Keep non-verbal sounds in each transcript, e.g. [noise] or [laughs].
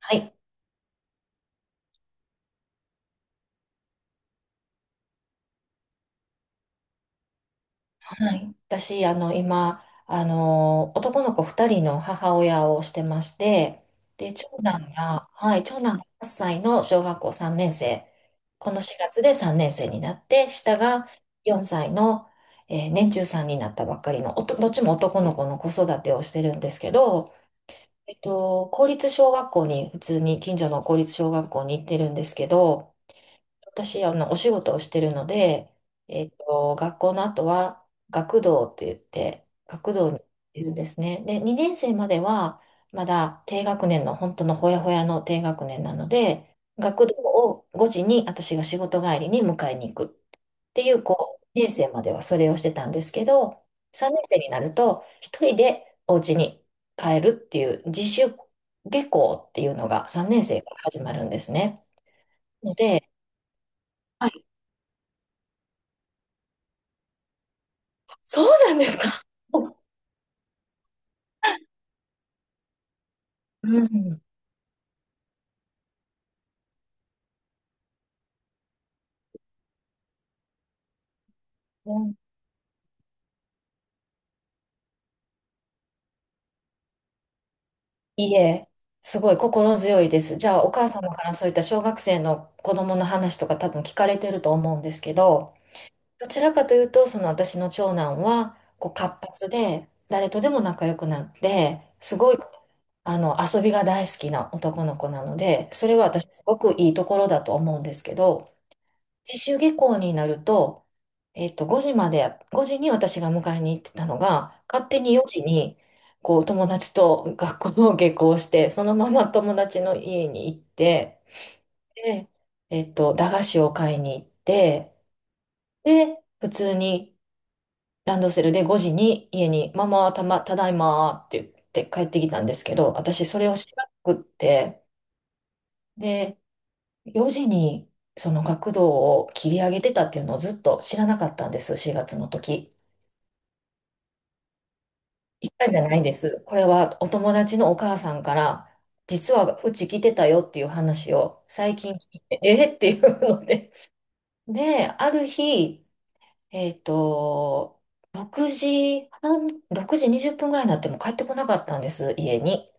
はい。はい。私、今、男の子2人の母親をしてまして、で、長男が、はい、長男が8歳の小学校3年生、この4月で3年生になって、下が4歳の、年中さんになったばっかりの、どっちも男の子の子育てをしてるんですけど、公立小学校に、普通に近所の公立小学校に行ってるんですけど、私、お仕事をしてるので、学校の後は学童って言って、学童にいるんですね。で、2年生までは、まだ低学年の、本当のほやほやの低学年なので、学童を5時に私が仕事帰りに迎えに行くっていう、こう、2年生まではそれをしてたんですけど、3年生になると、一人でお家に帰るっていう、自主下校っていうのが3年生から始まるんですね。ので、そうなんですか。[laughs] うん。うん。いえ、すごい心強いです。じゃあ、お母様からそういった小学生の子供の話とか多分聞かれてると思うんですけど、どちらかというと、その私の長男はこう活発で、誰とでも仲良くなって、すごい遊びが大好きな男の子なので、それは私すごくいいところだと思うんですけど、自主下校になると、5時まで、5時に私が迎えに行ってたのが、勝手に4時に、こう、友達と学校の下校して、そのまま [laughs] 友達の家に行って、で、駄菓子を買いに行って、で、普通にランドセルで5時に家に、ママ、ただいまって言って帰ってきたんですけど、私それを知らなくって、で、4時にその学童を切り上げてたっていうのをずっと知らなかったんです、4月の時。一回じゃないんです。これはお友達のお母さんから、実はうち来てたよっていう話を最近聞いて、えーっていうので。で、ある日、えっと、6時半、6時20分ぐらいになっても帰ってこなかったんです、家に。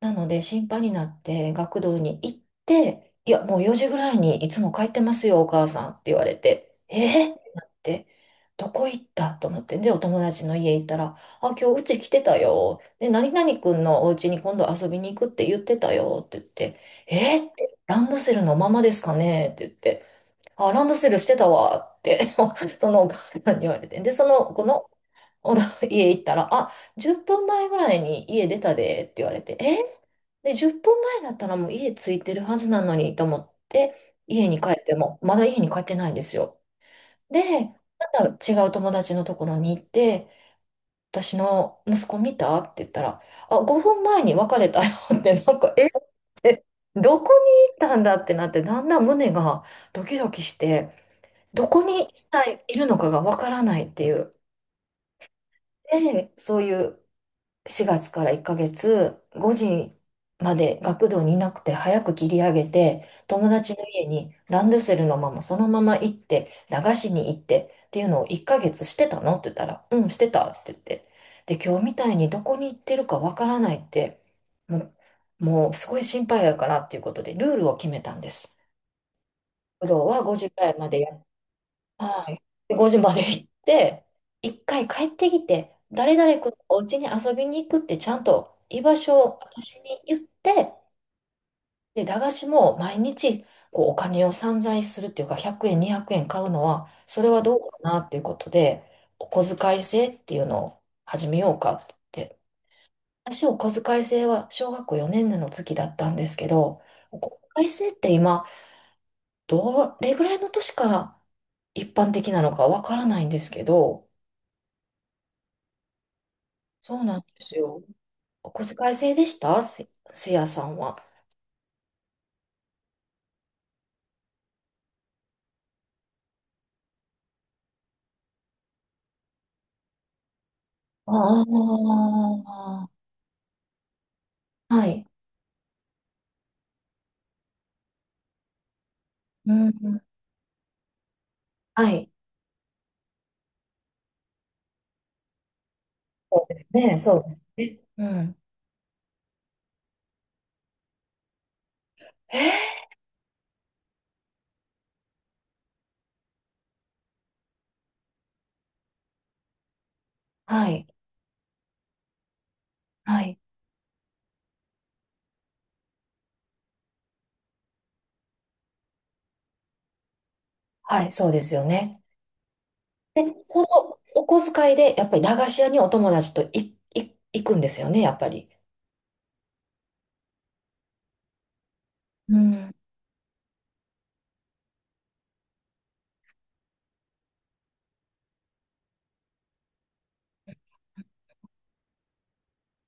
なので心配になって学童に行って、いや、もう4時ぐらいにいつも帰ってますよ、お母さんって言われて、えー、ってなって、どこ行ったと思って、で、お友達の家行ったら、あ、今日うち来てたよ。で、何々くんのお家に今度遊びに行くって言ってたよって言って、えー、って、ランドセルのままですかねって言って、あ、ランドセルしてたわって [laughs] そのお母さんに言われて、で、その子の [laughs] おだ家行ったら、あ、10分前ぐらいに家出たでって言われて、で、10分前だったらもう家着いてるはずなのにと思って、家に帰っても、まだ家に帰ってないんですよ。で、また違う友達のところに行って、私の息子見たって言ったら、あ、5分前に別れたよって、なんか、えって、どこに行ったんだってなって、だんだん胸がドキドキして、どこに一体いるのかがわからないっていう。で、そういう4月から1ヶ月、5時まで学童にいなくて早く切り上げて、友達の家にランドセルのままそのまま行って、駄菓子に行ってっていうのを1ヶ月してたのって言ったら、うん、してたって言って。で、今日みたいにどこに行ってるかわからないって、ももうすごい心配やからっていうことで、ルールを決めたんです。学童は5時くらいまでや。はい。で5時まで行って、一回帰ってきて、誰々君のお家に遊びに行くってちゃんと居場所を私に言って、で、駄菓子も毎日こうお金を散財するっていうか、100円、200円買うのは、それはどうかなっていうことで、お小遣い制っていうのを始めようかって言って。私、お小遣い制は小学校4年の時だったんですけど、お小遣い制って今、どれぐらいの年から一般的なのかわからないんですけど、そうなんですよ。お小遣い制でしたすやさんは。ああ、はい。うん。うん。はい。そうですね。そうですね。うん。はい。はい。はい。そうですよね。で、そのお小遣いで、やっぱり駄菓子屋にお友達と行くんですよね、やっぱり。うん。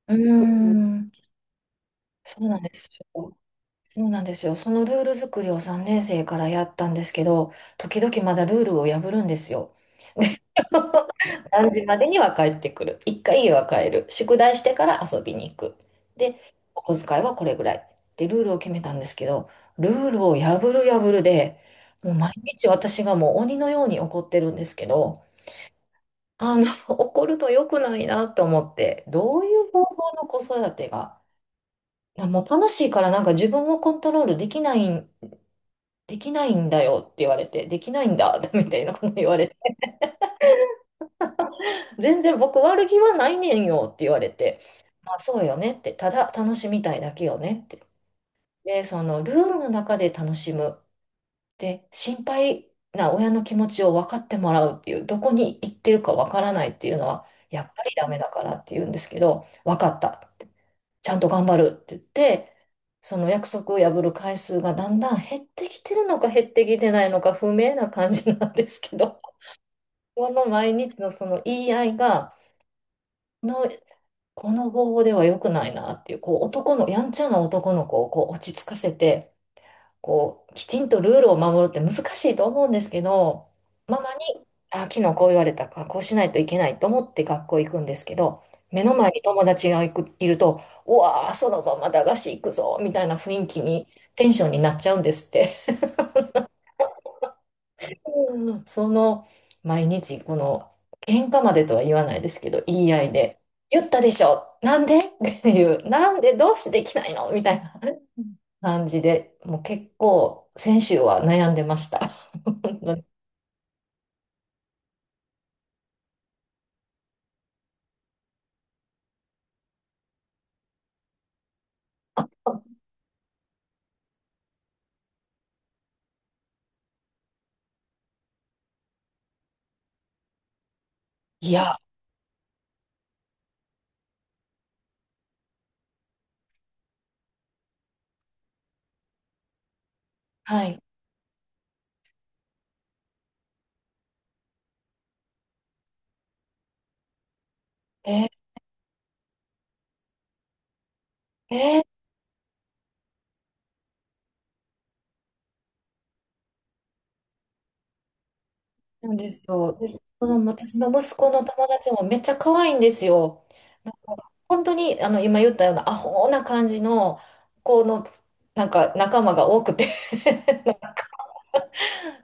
うーん。そうなんですよ。そうなんですよ。そのルール作りを3年生からやったんですけど、時々まだルールを破るんですよ。何時までには帰ってくる。一回家は帰る。宿題してから遊びに行く。で、お小遣いはこれぐらい。ってルールを決めたんですけど、ルールを破る破るで、もう毎日私がもう鬼のように怒ってるんですけど、[laughs] 怒ると良くないなと思って、どういう方法の子育てが、なもう楽しいからなんか自分をコントロールできないん、だよって言われて、できないんだ [laughs] みたいなこと言われて、全然僕悪気はないねんよって言われて、あ、そうよねって、ただ楽しみたいだけよねって。で、そのルールの中で楽しむ。で、心配な親の気持ちを分かってもらうっていう、どこに行ってるか分からないっていうのは、やっぱりダメだからって言うんですけど、分かった。ちゃんと頑張るって言って、その約束を破る回数がだんだん減ってきてるのか減ってきてないのか不明な感じなんですけど、この毎日のその言い合いが、この方法では良くないなっていう、こうやんちゃな男の子をこう落ち着かせて、こうきちんとルールを守るって難しいと思うんですけど、ママに、あ、昨日こう言われたから、こうしないといけないと思って学校行くんですけど、目の前に友達がいると、うわー、そのまま駄菓子行くぞ、みたいな雰囲気に、テンションになっちゃうんですって。うん、その毎日この喧嘩までとは言わないですけど言い合いで「言ったでしょなんで?」っていう「なんでどうしてできないの?」みたいな感じでもう結構先週は悩んでました。本当に。いや、はい。えー、えーなんですよ。で、その私の息子の友達もめっちゃ可愛いんですよ。なんか本当にあの今言ったようなアホな感じの子のなんか仲間が多くて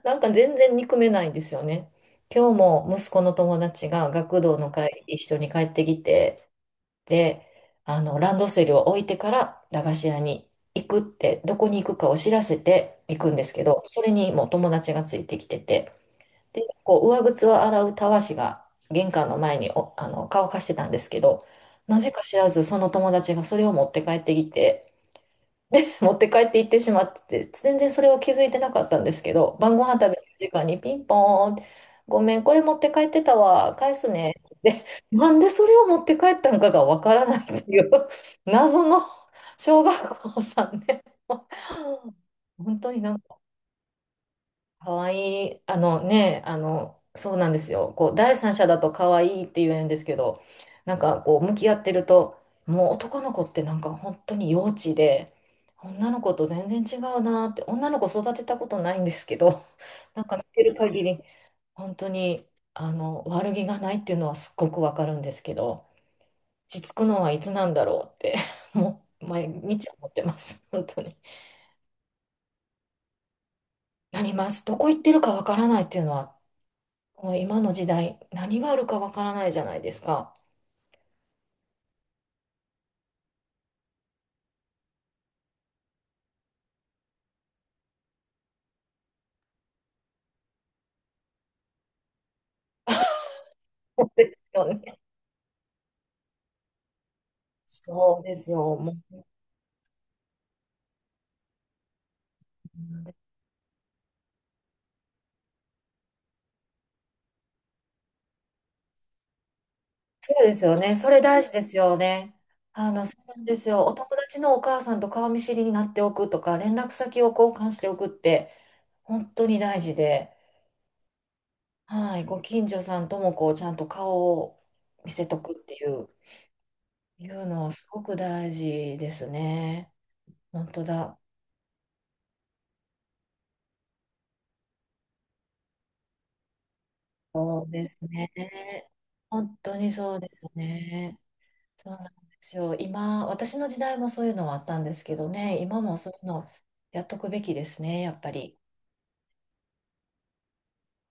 なんか全然憎めないんですよね。今日も息子の友達が学童の会一緒に帰ってきて、で、ランドセルを置いてから駄菓子屋に行くって、どこに行くかを知らせて行くんですけど、それにもう友達がついてきてて、で、こう、上靴を洗うたわしが玄関の前にお、あの、乾かしてたんですけど、なぜか知らずその友達がそれを持って帰ってきて、で、持って帰って行ってしまってて、全然それを気づいてなかったんですけど、晩ご飯食べる時間にピンポーンって、ごめん、これ持って帰ってたわ、返すね。で、なんでそれを持って帰ったのかがわからないっていう [laughs] 謎の小学校さんね、[laughs] 本当になんか可愛い、そうなんですよ。こう、第三者だと可愛いって言えるんですけど、なんかこう、向き合ってると、もう男の子ってなんか本当に幼稚で、女の子と全然違うなって、女の子育てたことないんですけど、[laughs] なんか見てる限り、本当に、悪気がないっていうのはすっごくわかるんですけど、落ち着くのはいつなんだろうって、[laughs] もう毎日思ってます、本当に。なります。どこ行ってるかわからないっていうのはもう今の時代、何があるかわからないじゃないですか。そうですよね。そうですよ。もう、そうですよね。それ大事ですよね。そうなんですよ。お友達のお母さんと顔見知りになっておくとか、連絡先を交換しておくって、本当に大事で、はい、ご近所さんともこう、ちゃんと顔を見せとくっていう、のはすごく大事ですね。本当だ。そうですね。本当にそうですね。そうなんですよ。今、私の時代もそういうのはあったんですけどね、今もそういうのやっとくべきですね、やっぱり。